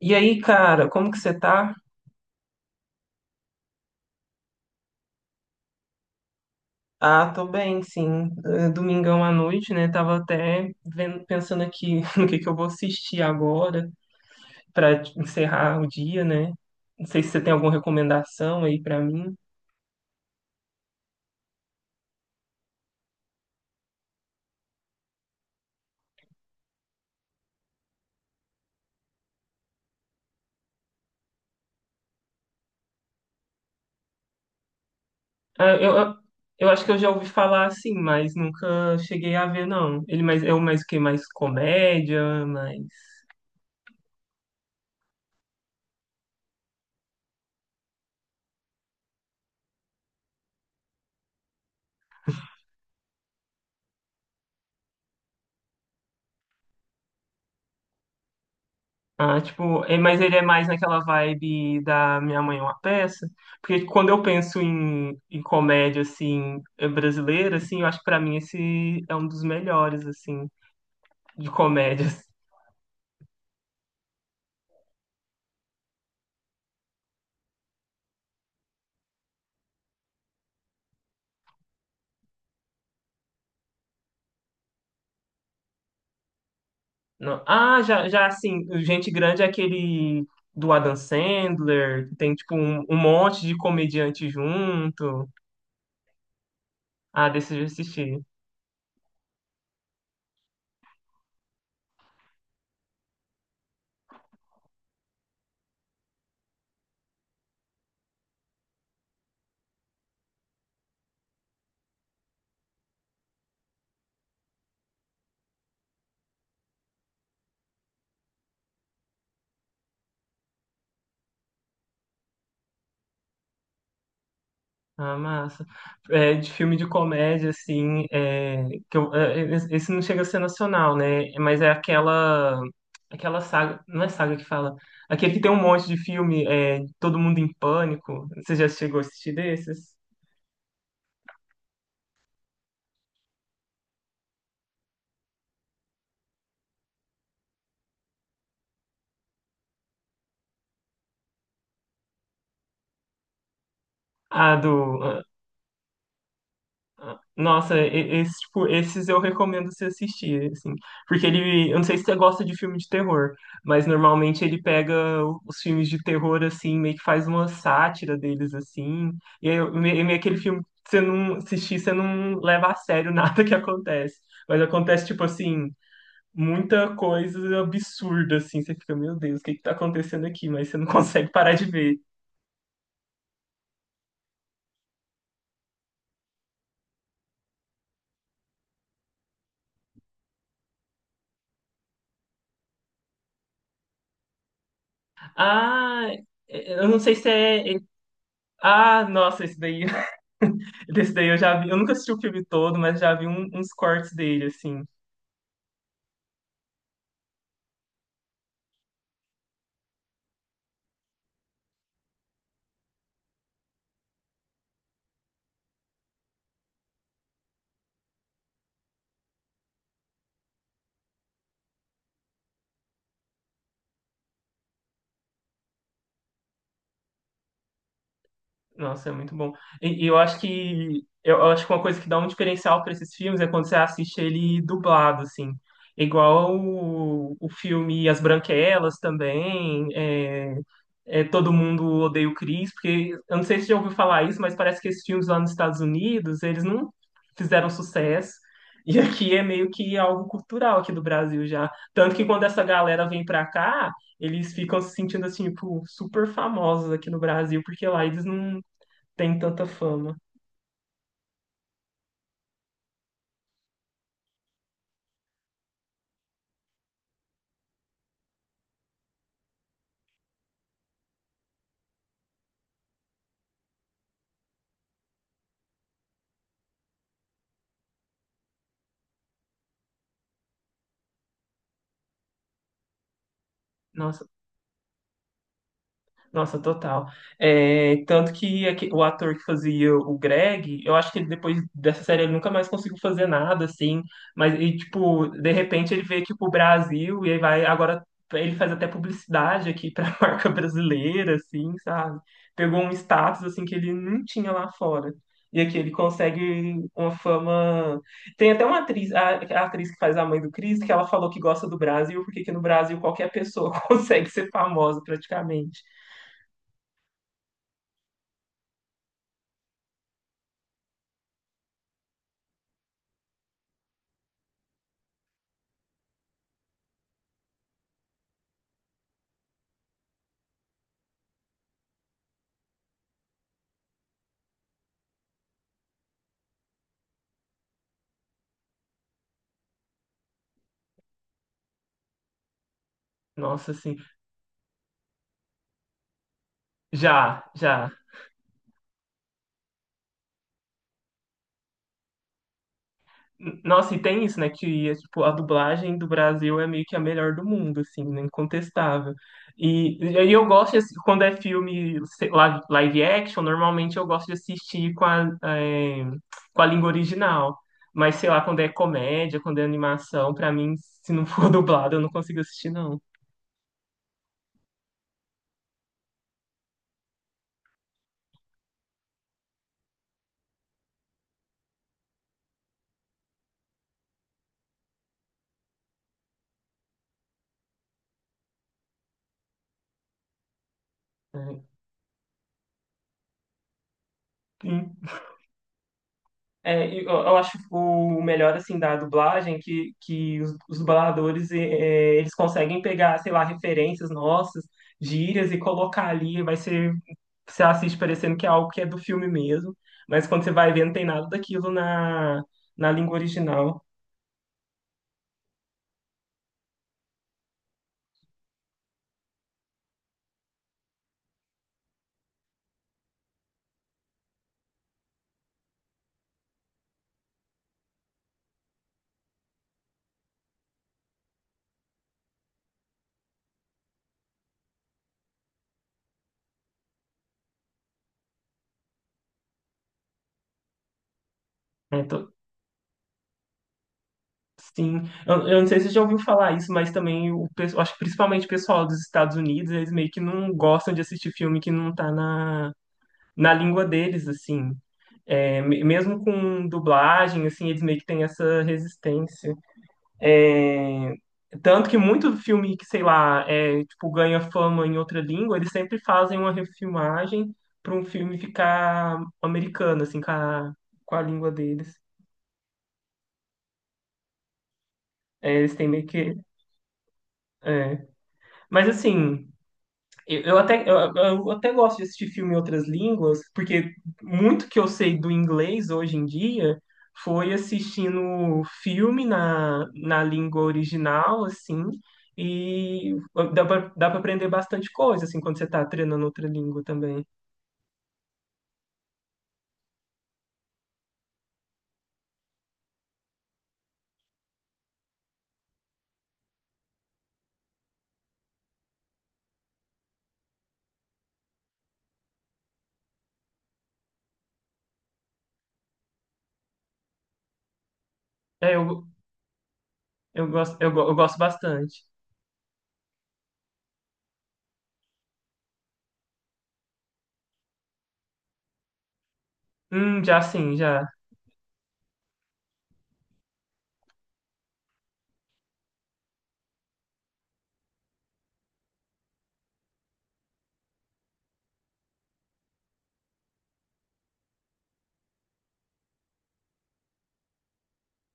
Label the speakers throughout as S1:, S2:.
S1: E aí, cara, como que você tá? Ah, tô bem, sim. Domingão à noite, né? Tava até vendo, pensando aqui no que eu vou assistir agora pra encerrar o dia, né? Não sei se você tem alguma recomendação aí pra mim. Eu eu acho que eu já ouvi falar assim, mas nunca cheguei a ver, não. Ele mais, é o mais o quê? Mais comédia, mais. Ah, tipo, mas ele é mais naquela vibe da Minha Mãe é uma Peça, porque tipo, quando eu penso em comédia, assim, brasileira, assim, eu acho que pra mim esse é um dos melhores, assim, de comédias. Ah, já, já, assim, o Gente Grande é aquele do Adam Sandler, que tem, tipo, um monte de comediante junto. Ah, desse eu já assisti. Ah, massa. É, de filme de comédia, assim, é, esse não chega a ser nacional, né? Aquela saga, não é saga que fala, aquele que tem um monte de filme, é, Todo Mundo em Pânico. Você já chegou a assistir desses? Ah, do Nossa, esse, tipo, esses eu recomendo você assistir, assim, porque ele, eu não sei se você gosta de filme de terror, mas normalmente ele pega os filmes de terror, assim, meio que faz uma sátira deles, assim, e é meio aquele filme que você não assistir, você não leva a sério nada que acontece, mas acontece, tipo assim, muita coisa absurda, assim, você fica, meu Deus, o que que tá acontecendo aqui? Mas você não consegue parar de ver. Ah, eu não sei se é... Ah, nossa, esse daí... Desse daí eu já vi, eu nunca assisti o filme todo, mas já vi uns cortes dele, assim. Nossa, é muito bom. Eu acho que uma coisa que dá um diferencial para esses filmes é quando você assiste ele dublado, assim. Igual o filme As Branquelas também, é, Todo Mundo Odeia o Chris, porque eu não sei se você já ouviu falar isso, mas parece que esses filmes lá nos Estados Unidos, eles não fizeram sucesso. E aqui é meio que algo cultural aqui do Brasil já. Tanto que quando essa galera vem pra cá, eles ficam se sentindo assim, tipo, super famosos aqui no Brasil, porque lá eles não tem tanta fama. Nossa. Nossa, total. É, tanto que o ator que fazia o Greg, eu acho que ele, depois dessa série ele nunca mais conseguiu fazer nada, assim. Mas, e, tipo, de repente ele veio aqui pro Brasil e aí vai. Agora ele faz até publicidade aqui pra marca brasileira, assim, sabe? Pegou um status, assim, que ele não tinha lá fora. E aqui ele consegue uma fama. Tem até uma atriz, a atriz que faz a mãe do Chris, que ela falou que gosta do Brasil, porque que no Brasil qualquer pessoa consegue ser famosa praticamente. Nossa, assim, já, já. N- Nossa, e tem isso, né, que é, tipo, a dublagem do Brasil é meio que a melhor do mundo, assim, né, incontestável. E aí eu gosto, quando é filme sei lá, live action, normalmente eu gosto de assistir com a, com a língua original. Mas, sei lá, quando é comédia, quando é animação, pra mim, se não for dublado, eu não consigo assistir, não. Hum. Eu acho o melhor assim da dublagem é que os dubladores eles conseguem pegar, sei lá, referências nossas, gírias e colocar ali, vai ser você assiste parecendo que é algo que é do filme mesmo, mas quando você vai ver não tem nada daquilo na, na língua original. Né? Então, Sim, eu não sei se você já ouviu falar isso, mas também o pessoal, acho que principalmente o pessoal dos Estados Unidos, eles meio que não gostam de assistir filme que não tá na, na língua deles, assim. É, mesmo com dublagem, assim, eles meio que têm essa resistência. É, tanto que muito filme que, sei lá, é, tipo, ganha fama em outra língua, eles sempre fazem uma refilmagem para um filme ficar americano, assim, com a língua deles. É, eles têm meio que. É. Mas assim. Eu até gosto de assistir filme em outras línguas, porque muito que eu sei do inglês hoje em dia foi assistindo filme na, na língua original, assim, e dá pra aprender bastante coisa, assim, quando você tá treinando outra língua também. É, eu, eu gosto bastante. Já sim, já.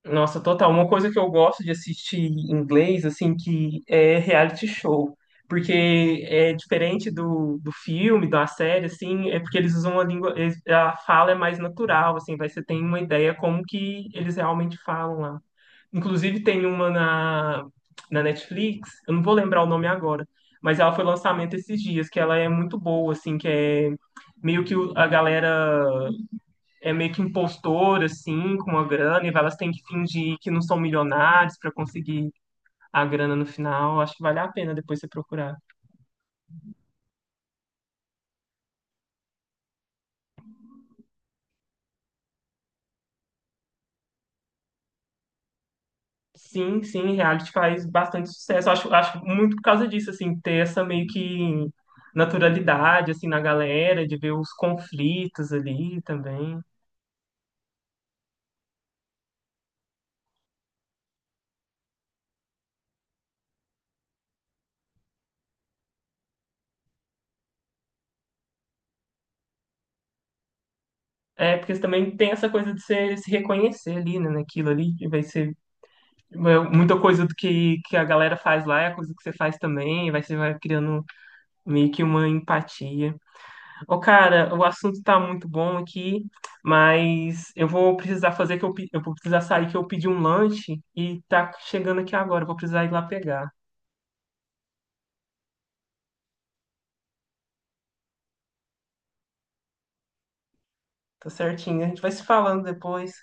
S1: Nossa, total. Uma coisa que eu gosto de assistir em inglês, assim, que é reality show. Porque é diferente do filme, da série, assim, é porque eles usam a língua, eles- a fala é mais natural, assim, vai, você tem uma ideia como que eles realmente falam lá. Inclusive tem uma na, na Netflix, eu não vou lembrar o nome agora, mas ela foi lançamento esses dias, que ela é muito boa, assim, que é meio que a galera é meio que impostor, assim, com a grana, e elas têm que fingir que não são milionários para conseguir a grana no final. Acho que vale a pena depois você procurar. Sim, sim, reality faz bastante sucesso. Acho, acho muito por causa disso, assim, ter essa meio que naturalidade, assim, na galera, de ver os conflitos ali também. É, porque também tem essa coisa de você se reconhecer ali, né, naquilo ali, que vai ser é, muita coisa que a galera faz lá, é a coisa que você faz também, vai, você vai criando meio que uma empatia. Ô, cara, o assunto tá muito bom aqui, mas eu vou precisar fazer eu vou precisar sair que eu pedi um lanche e tá chegando aqui agora, eu vou precisar ir lá pegar. Tá certinho, a gente vai se falando depois.